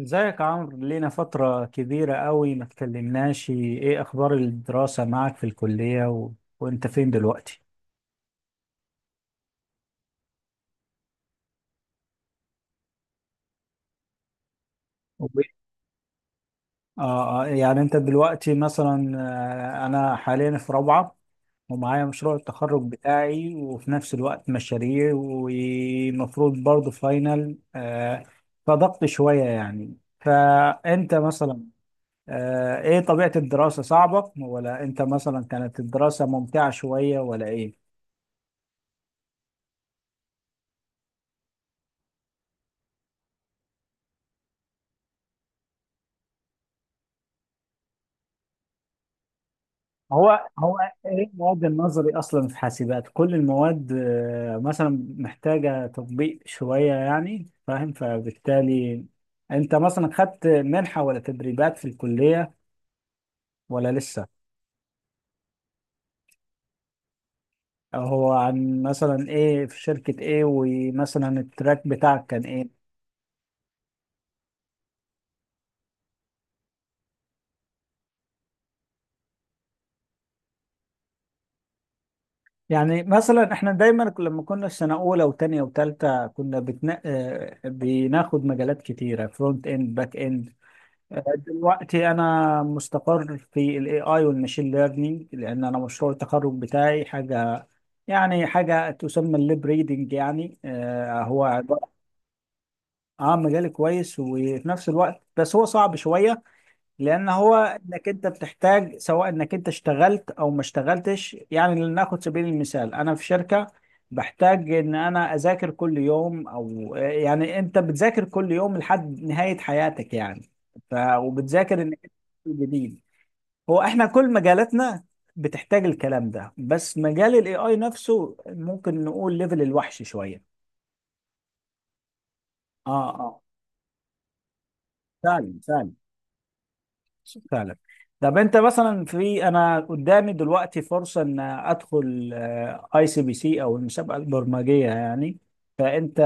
ازيك يا عمرو، لينا فترة كبيرة قوي ما اتكلمناش. ايه اخبار الدراسة معك في الكلية و... وانت فين دلوقتي؟ وب- يعني انت دلوقتي مثلا انا حاليا في رابعة، ومعايا مشروع التخرج بتاعي وفي نفس الوقت مشاريع ومفروض برضه فاينل. فضغط شوية يعني. فأنت مثلا إيه طبيعة الدراسة؟ صعبة ولا أنت مثلا كانت الدراسة ممتعة شوية ولا إيه؟ هو ايه المواد النظري؟ اصلا في حاسبات كل المواد مثلا محتاجه تطبيق شويه يعني، فاهم؟ فبالتالي انت مثلا خدت منحه ولا تدريبات في الكليه ولا لسه؟ هو عن مثلا ايه؟ في شركه ايه؟ ومثلا التراك بتاعك كان ايه؟ يعني مثلا احنا دايما لما كنا في سنه اولى وتانية وتالتة كنا بتنا... آه، بناخد مجالات كتيره، فرونت اند، باك اند. دلوقتي انا مستقر في الاي اي والماشين ليرنينج، لان انا مشروع التخرج بتاعي حاجه، يعني حاجه تسمى الليب ريدنج. يعني آه هو عباره. اه مجال كويس وفي نفس الوقت بس هو صعب شويه، لان هو انك انت بتحتاج سواء انك انت اشتغلت او ما اشتغلتش. يعني لناخد سبيل المثال انا في شركه، بحتاج ان انا اذاكر كل يوم، او يعني انت بتذاكر كل يوم لحد نهايه حياتك يعني. ف وبتذاكر انك انت جديد. هو احنا كل مجالاتنا بتحتاج الكلام ده، بس مجال الاي اي نفسه ممكن نقول ليفل الوحش شويه. اه اه، فعلا فعلا فعلا. طب انت مثلا في، انا قدامي دلوقتي فرصه ان ادخل اي سي بي سي، او المسابقه البرمجيه يعني. فانت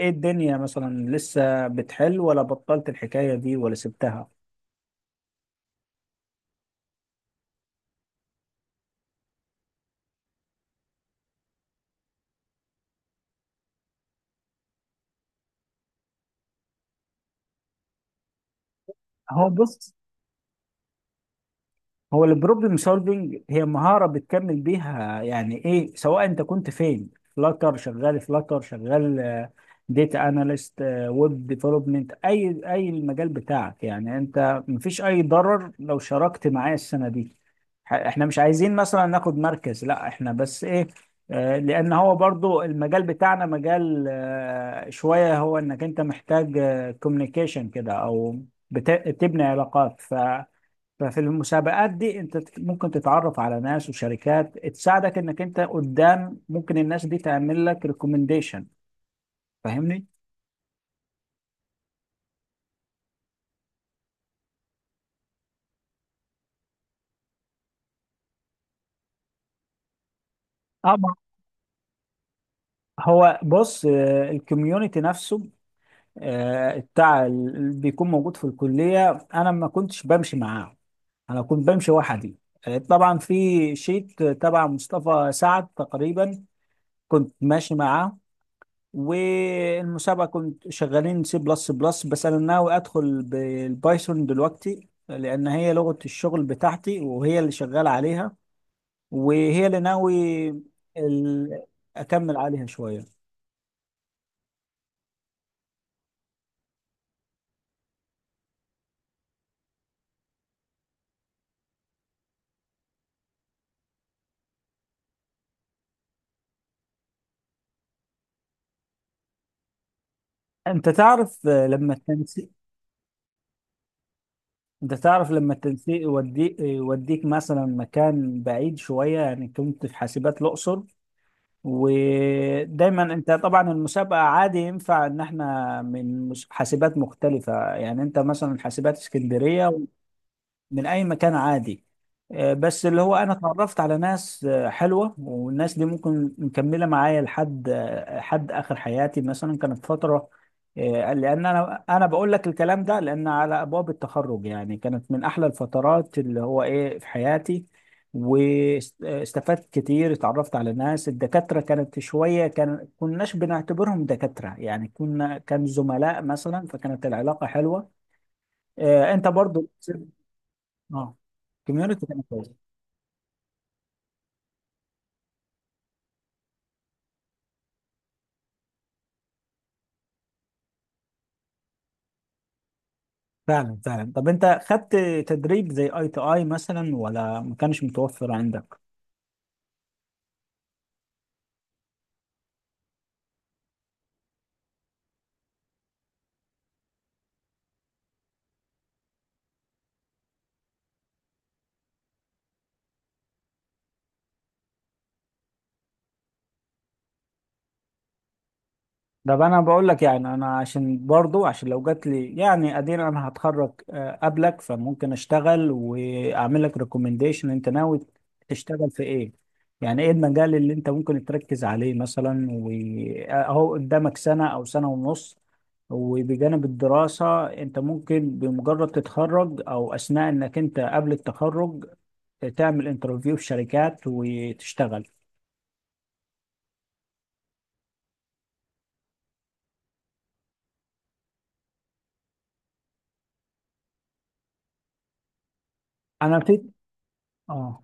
ايه الدنيا مثلا، لسه بتحل ولا بطلت الحكايه دي ولا سبتها؟ هو بص، هو البروبلم سولفنج هي مهارة بتكمل بيها، يعني ايه سواء انت كنت فين. فلاتر شغال، فلاتر شغال، داتا اناليست، ويب ديفلوبمنت، اي اي المجال بتاعك، يعني انت مفيش اي ضرر لو شاركت معايا السنة دي. احنا مش عايزين مثلا ناخد مركز، لا احنا بس ايه، لان هو برضو المجال بتاعنا مجال شوية، هو انك انت محتاج كوميونيكيشن كده، او بتبني علاقات. ففي المسابقات دي انت ممكن تتعرف على ناس وشركات تساعدك، انك انت قدام ممكن الناس دي تعمل لك ريكومنديشن. فاهمني؟ اه ما هو بص، الكوميونتي نفسه بتاع اللي بيكون موجود في الكلية، انا ما كنتش بمشي معاه، انا كنت بمشي وحدي. طبعا في شيت تبع مصطفى سعد تقريبا، كنت ماشي معاه. والمسابقة كنت شغالين سي بلس بلس، بس أنا ناوي أدخل بالبايثون دلوقتي لأن هي لغة الشغل بتاعتي وهي اللي شغال عليها، وهي اللي ناوي ال... أكمل عليها شوية. أنت تعرف آه، لما التنسيق أنت تعرف لما التنسيق يوديك مثلا مكان بعيد شوية، يعني كنت في حاسبات الأقصر. ودايما انت طبعا المسابقه عادي ينفع ان احنا من حاسبات مختلفه، يعني انت مثلا حاسبات اسكندريه، من اي مكان عادي. بس اللي هو انا اتعرفت على ناس حلوه، والناس دي ممكن مكمله معايا لحد حد اخر حياتي مثلا، كانت فتره لان انا بقول لك الكلام ده لان على ابواب التخرج، يعني كانت من احلى الفترات اللي هو ايه في حياتي. واستفدت كتير، اتعرفت على ناس، الدكاتره كانت شويه، كان كناش بنعتبرهم دكاتره، يعني كنا كان زملاء مثلا، فكانت العلاقه حلوه. انت برضو؟ اه، كوميونتي كانت كويسه. فعلا فعلا. طب انت خدت تدريب زي اي تي اي مثلا ولا ما كانش متوفر عندك؟ طب انا بقول لك، يعني انا عشان برضو عشان لو جات لي، يعني ادينا انا هتخرج قبلك، فممكن اشتغل واعمل لك ريكومنديشن. انت ناوي تشتغل في ايه؟ يعني ايه المجال اللي انت ممكن تركز عليه مثلا؟ واهو قدامك سنة او سنة ونص، وبجانب الدراسة انت ممكن بمجرد تتخرج او اثناء انك انت قبل التخرج، تعمل انترفيو في شركات وتشتغل. انا في اه،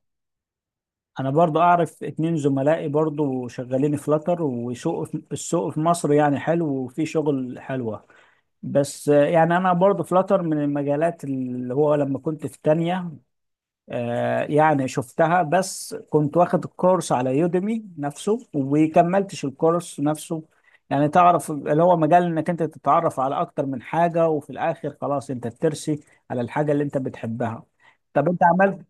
انا برضو اعرف اتنين زملائي برضو شغالين فلاتر، وسوق في مصر يعني حلو، وفي شغل حلوة. بس يعني انا برضو فلاتر من المجالات اللي هو لما كنت في تانية يعني شفتها، بس كنت واخد الكورس على يوديمي نفسه وكملتش الكورس نفسه. يعني تعرف اللي هو مجال انك انت تتعرف على اكتر من حاجة، وفي الاخر خلاص انت بترسي على الحاجة اللي انت بتحبها. طب انت عملت،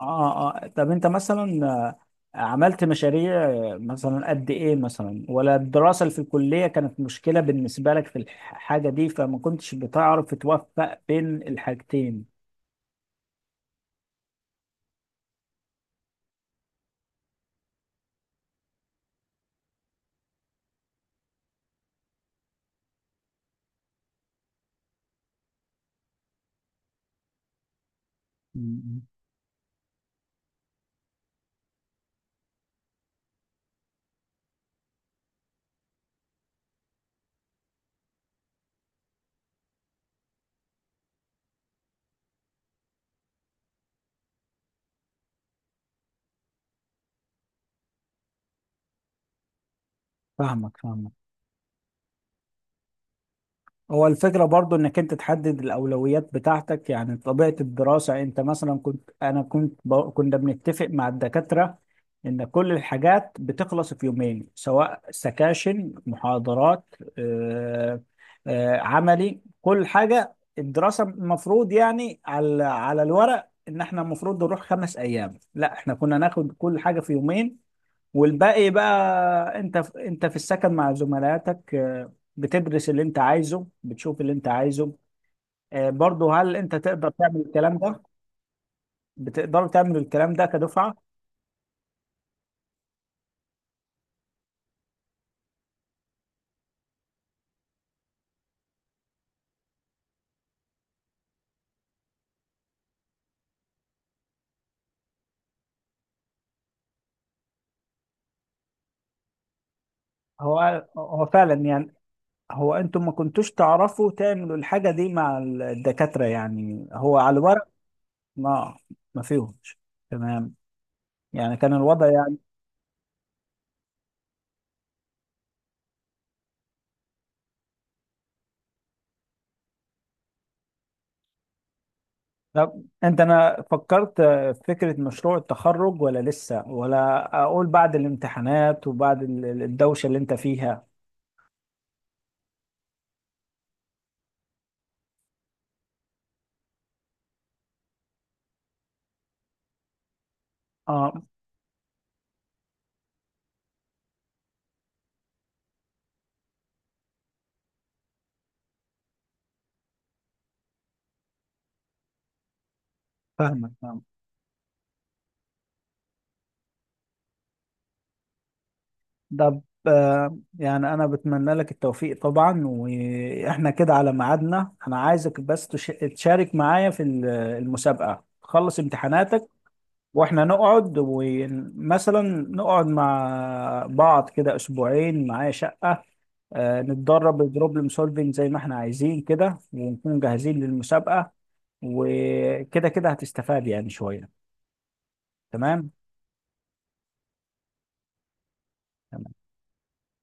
اه اه، طب انت مثلا عملت مشاريع مثلا قد ايه مثلا؟ ولا الدراسة اللي في الكلية كانت مشكلة بالنسبة لك في الحاجة دي، فما كنتش بتعرف توفق بين الحاجتين؟ م- م. فاهمك فاهمك. هو الفكرة برضو انك انت تحدد الاولويات بتاعتك. يعني طبيعة الدراسة، انت مثلا كنت، انا كنت كنا بنتفق مع الدكاترة ان كل الحاجات بتخلص في يومين، سواء سكاشن، محاضرات، عملي، كل حاجة. الدراسة المفروض يعني على على الورق ان احنا المفروض نروح خمس ايام، لا احنا كنا ناخد كل حاجة في يومين، والباقي بقى انت انت في السكن مع زملائاتك بتدرس اللي انت عايزه، بتشوف اللي انت عايزه. برضه هل انت تقدر تعمل الكلام ده؟ بتقدروا تعملوا الكلام ده كدفعة؟ هو فعلا يعني. هو انتم ما كنتوش تعرفوا تعملوا الحاجة دي مع الدكاترة؟ يعني هو على الورق ما، ما فيهمش؟ تمام، يعني كان الوضع. طب انت، انا فكرت في فكرة مشروع التخرج ولا لسه؟ ولا اقول بعد الامتحانات وبعد الدوشة اللي انت فيها؟ اه، فاهمك فاهمك. طب يعني انا بتمنى لك التوفيق طبعا، واحنا كده على ميعادنا، انا عايزك بس تشارك معايا في المسابقة. تخلص امتحاناتك واحنا نقعد، ومثلا نقعد مع بعض كده اسبوعين، معايا شقة، نتدرب بروبلم سولفينج زي ما احنا عايزين كده، ونكون جاهزين للمسابقة. وكده كده هتستفاد يعني شوية. تمام.